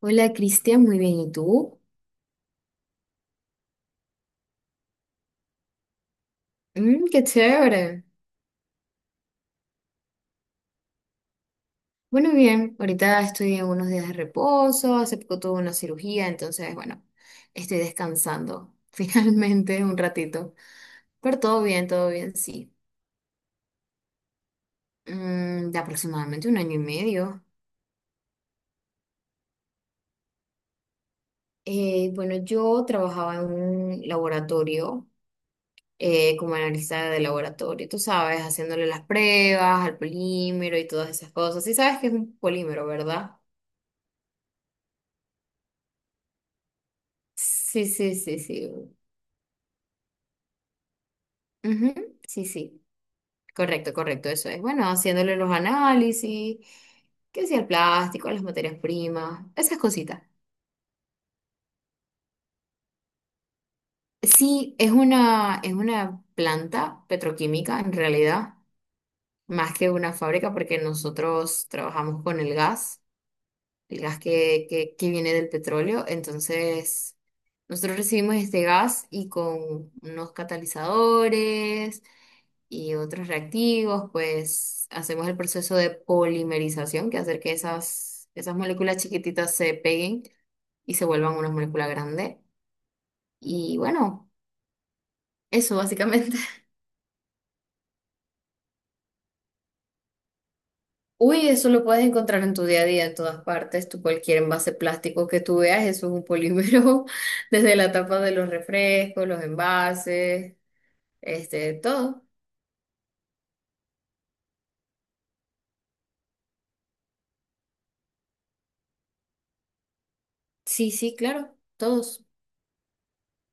Hola Cristian, muy bien. ¿Y tú? Mm, qué chévere. Bueno, bien, ahorita estoy en unos días de reposo, hace poco tuve una cirugía, entonces, bueno, estoy descansando finalmente un ratito. Pero todo bien, sí. De aproximadamente un año y medio. Bueno, yo trabajaba en un laboratorio, como analista de laboratorio, tú sabes, haciéndole las pruebas al polímero y todas esas cosas. ¿Sí sabes que es un polímero, verdad? Sí, sí, sí, sí. Ujú. Sí, sí. Correcto, correcto, eso es. Bueno, haciéndole los análisis, que sea el plástico, las materias primas, esas cositas. Sí, es una planta petroquímica en realidad, más que una fábrica, porque nosotros trabajamos con el gas. El gas que viene del petróleo. Entonces, nosotros recibimos este gas y con unos catalizadores y otros reactivos, pues hacemos el proceso de polimerización, que hacer que esas moléculas chiquititas se peguen y se vuelvan una molécula grande. Y bueno, eso básicamente. Uy, eso lo puedes encontrar en tu día a día, en todas partes. Tú cualquier envase plástico que tú veas, eso es un polímero, desde la tapa de los refrescos, los envases, todo. Sí, sí, claro, todos.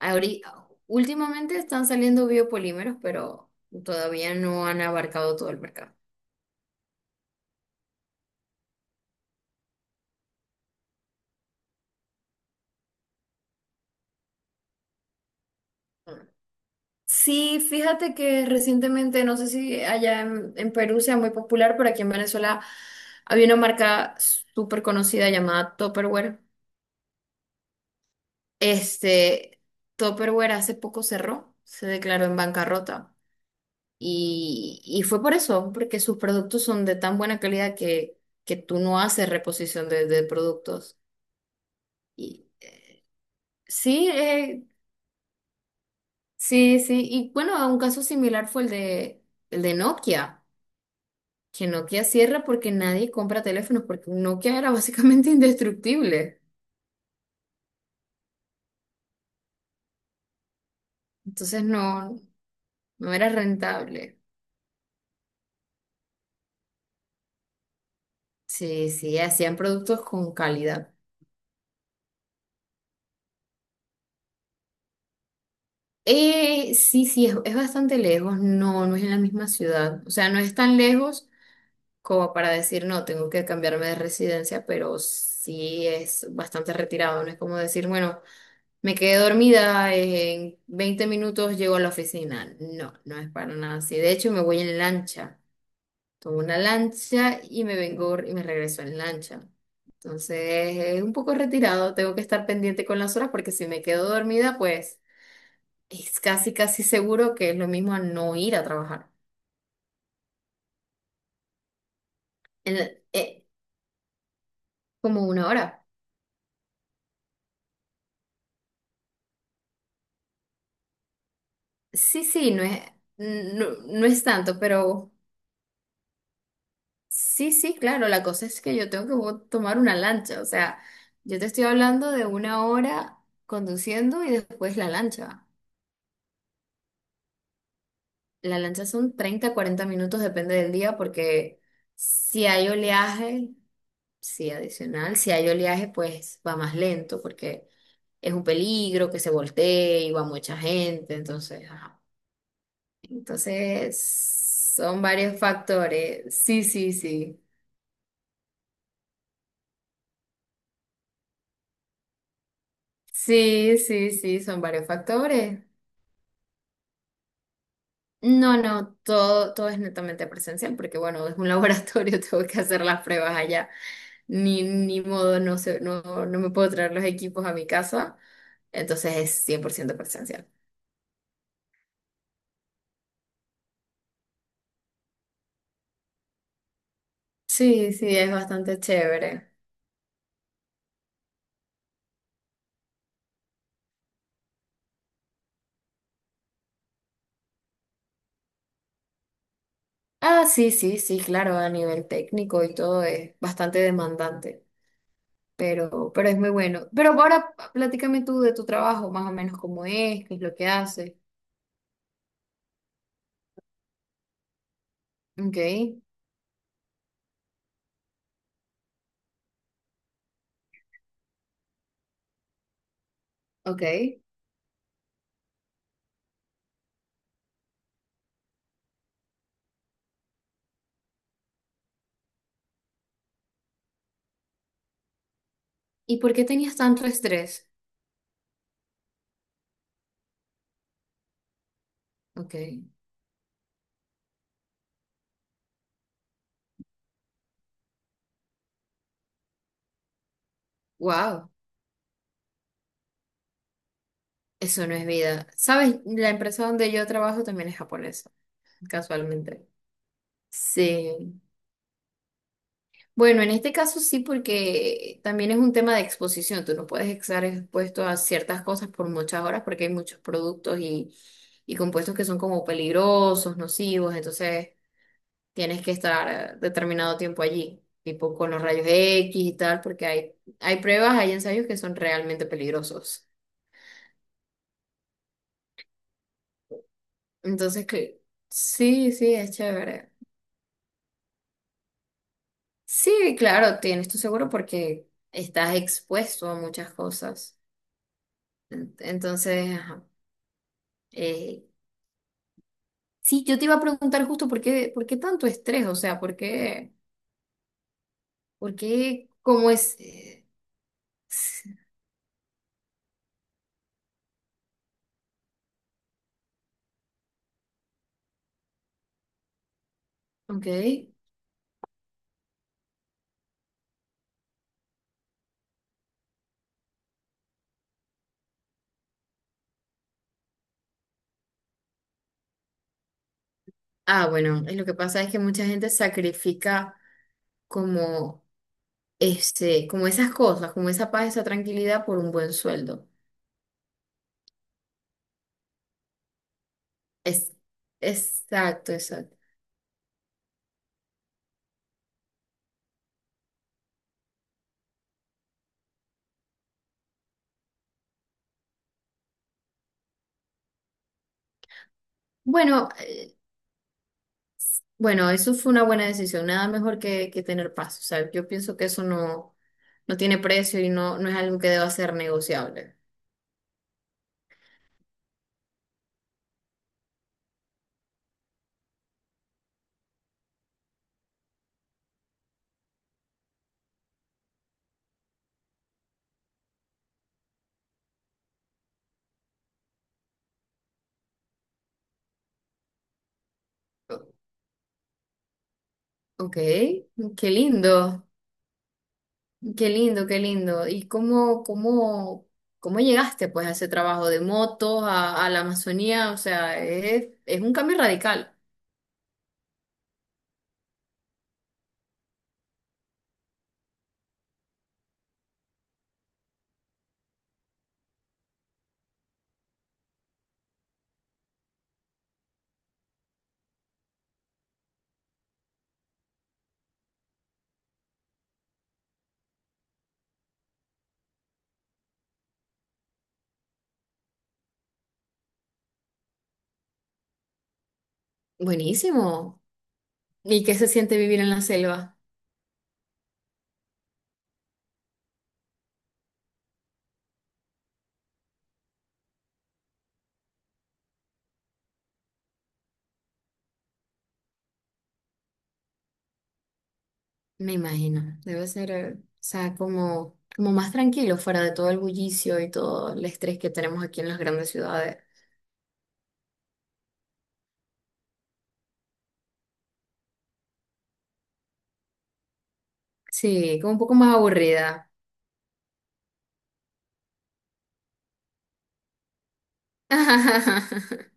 Ahori- Últimamente están saliendo biopolímeros, pero todavía no han abarcado todo el mercado. Mm. Sí, fíjate que recientemente, no sé si allá en Perú sea muy popular, pero aquí en Venezuela había una marca súper conocida llamada Tupperware. Este, Tupperware hace poco cerró, se declaró en bancarrota. Y fue por eso, porque sus productos son de tan buena calidad que tú no haces reposición de productos. Y sí, sí, sí. Y bueno, un caso similar fue el de Nokia, que Nokia cierra porque nadie compra teléfonos, porque Nokia era básicamente indestructible. Entonces no, no era rentable. Sí, sí, hacían productos con calidad. Sí, sí, es bastante lejos, no, no es en la misma ciudad, o sea, no es tan lejos como para decir, no, tengo que cambiarme de residencia, pero sí es bastante retirado, no es como decir, bueno, me quedé dormida, en 20 minutos llego a la oficina, no, no es para nada así, de hecho me voy en lancha, tomo una lancha y me vengo y me regreso en lancha. Entonces, es un poco retirado, tengo que estar pendiente con las horas porque si me quedo dormida, pues es casi, casi seguro que es lo mismo a no ir a trabajar. En la- eh, Como una hora. Sí, sí, no es, no, no es tanto, pero sí, sí, claro, la cosa es que yo tengo que tomar una lancha. O sea, yo te estoy hablando de una hora conduciendo y después la lancha. La lancha son 30-40 minutos, depende del día, porque si hay oleaje, sí, adicional, si hay oleaje, pues va más lento, porque es un peligro que se voltee y va mucha gente, entonces, ajá. Entonces, son varios factores. Sí, sí, sí. Sí, sí, sí, son varios factores. No, no, todo, todo es netamente presencial, porque bueno, es un laboratorio, tengo que hacer las pruebas allá. Ni modo, no sé, no, no me puedo traer los equipos a mi casa, entonces es 100% presencial. Sí, sí, es bastante chévere. Ah, sí, sí, sí, claro, a nivel técnico y todo es bastante demandante, pero es muy bueno. Pero ahora platícame tú de tu trabajo, más o menos cómo es, qué es lo que haces. Ok, ok. ¿Y por qué tenías tanto estrés? Ok, wow, eso no es vida. ¿Sabes? La empresa donde yo trabajo también es japonesa, casualmente. Sí. Bueno, en este caso sí, porque también es un tema de exposición. Tú no puedes estar expuesto a ciertas cosas por muchas horas porque hay muchos productos y compuestos que son como peligrosos, nocivos. Entonces tienes que estar determinado tiempo allí, tipo con los rayos X y tal, porque hay pruebas, hay ensayos que son realmente peligrosos. Entonces, que, sí, sí, es chévere. Sí, claro, tienes tu seguro porque estás expuesto a muchas cosas. Entonces, ajá. eh, Sí, yo te iba a preguntar justo por qué tanto estrés, o sea, por qué, cómo es, s- ok. Ah, bueno, y lo que pasa es que mucha gente sacrifica como como esas cosas, como esa paz, esa tranquilidad por un buen sueldo. Es, exacto, exacto. Bueno, bueno, eso fue una buena decisión, nada mejor que tener paz, o sea, yo pienso que eso no, no tiene precio y no, no es algo que deba ser negociable. Ok, qué lindo. Qué lindo, qué lindo. ¿Y cómo, cómo, cómo llegaste pues a ese trabajo de motos, a la Amazonía? O sea, es un cambio radical. Buenísimo. ¿Y qué se siente vivir en la selva? Me imagino. Debe ser, o sea, como, como más tranquilo, fuera de todo el bullicio y todo el estrés que tenemos aquí en las grandes ciudades. Sí, como un poco más aburrida.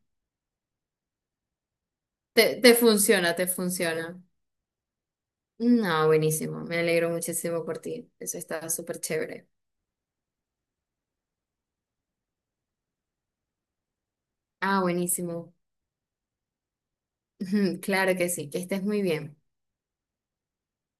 Te funciona, te funciona. No, buenísimo. Me alegro muchísimo por ti. Eso está súper chévere. Ah, buenísimo. Claro que sí, que estés muy bien.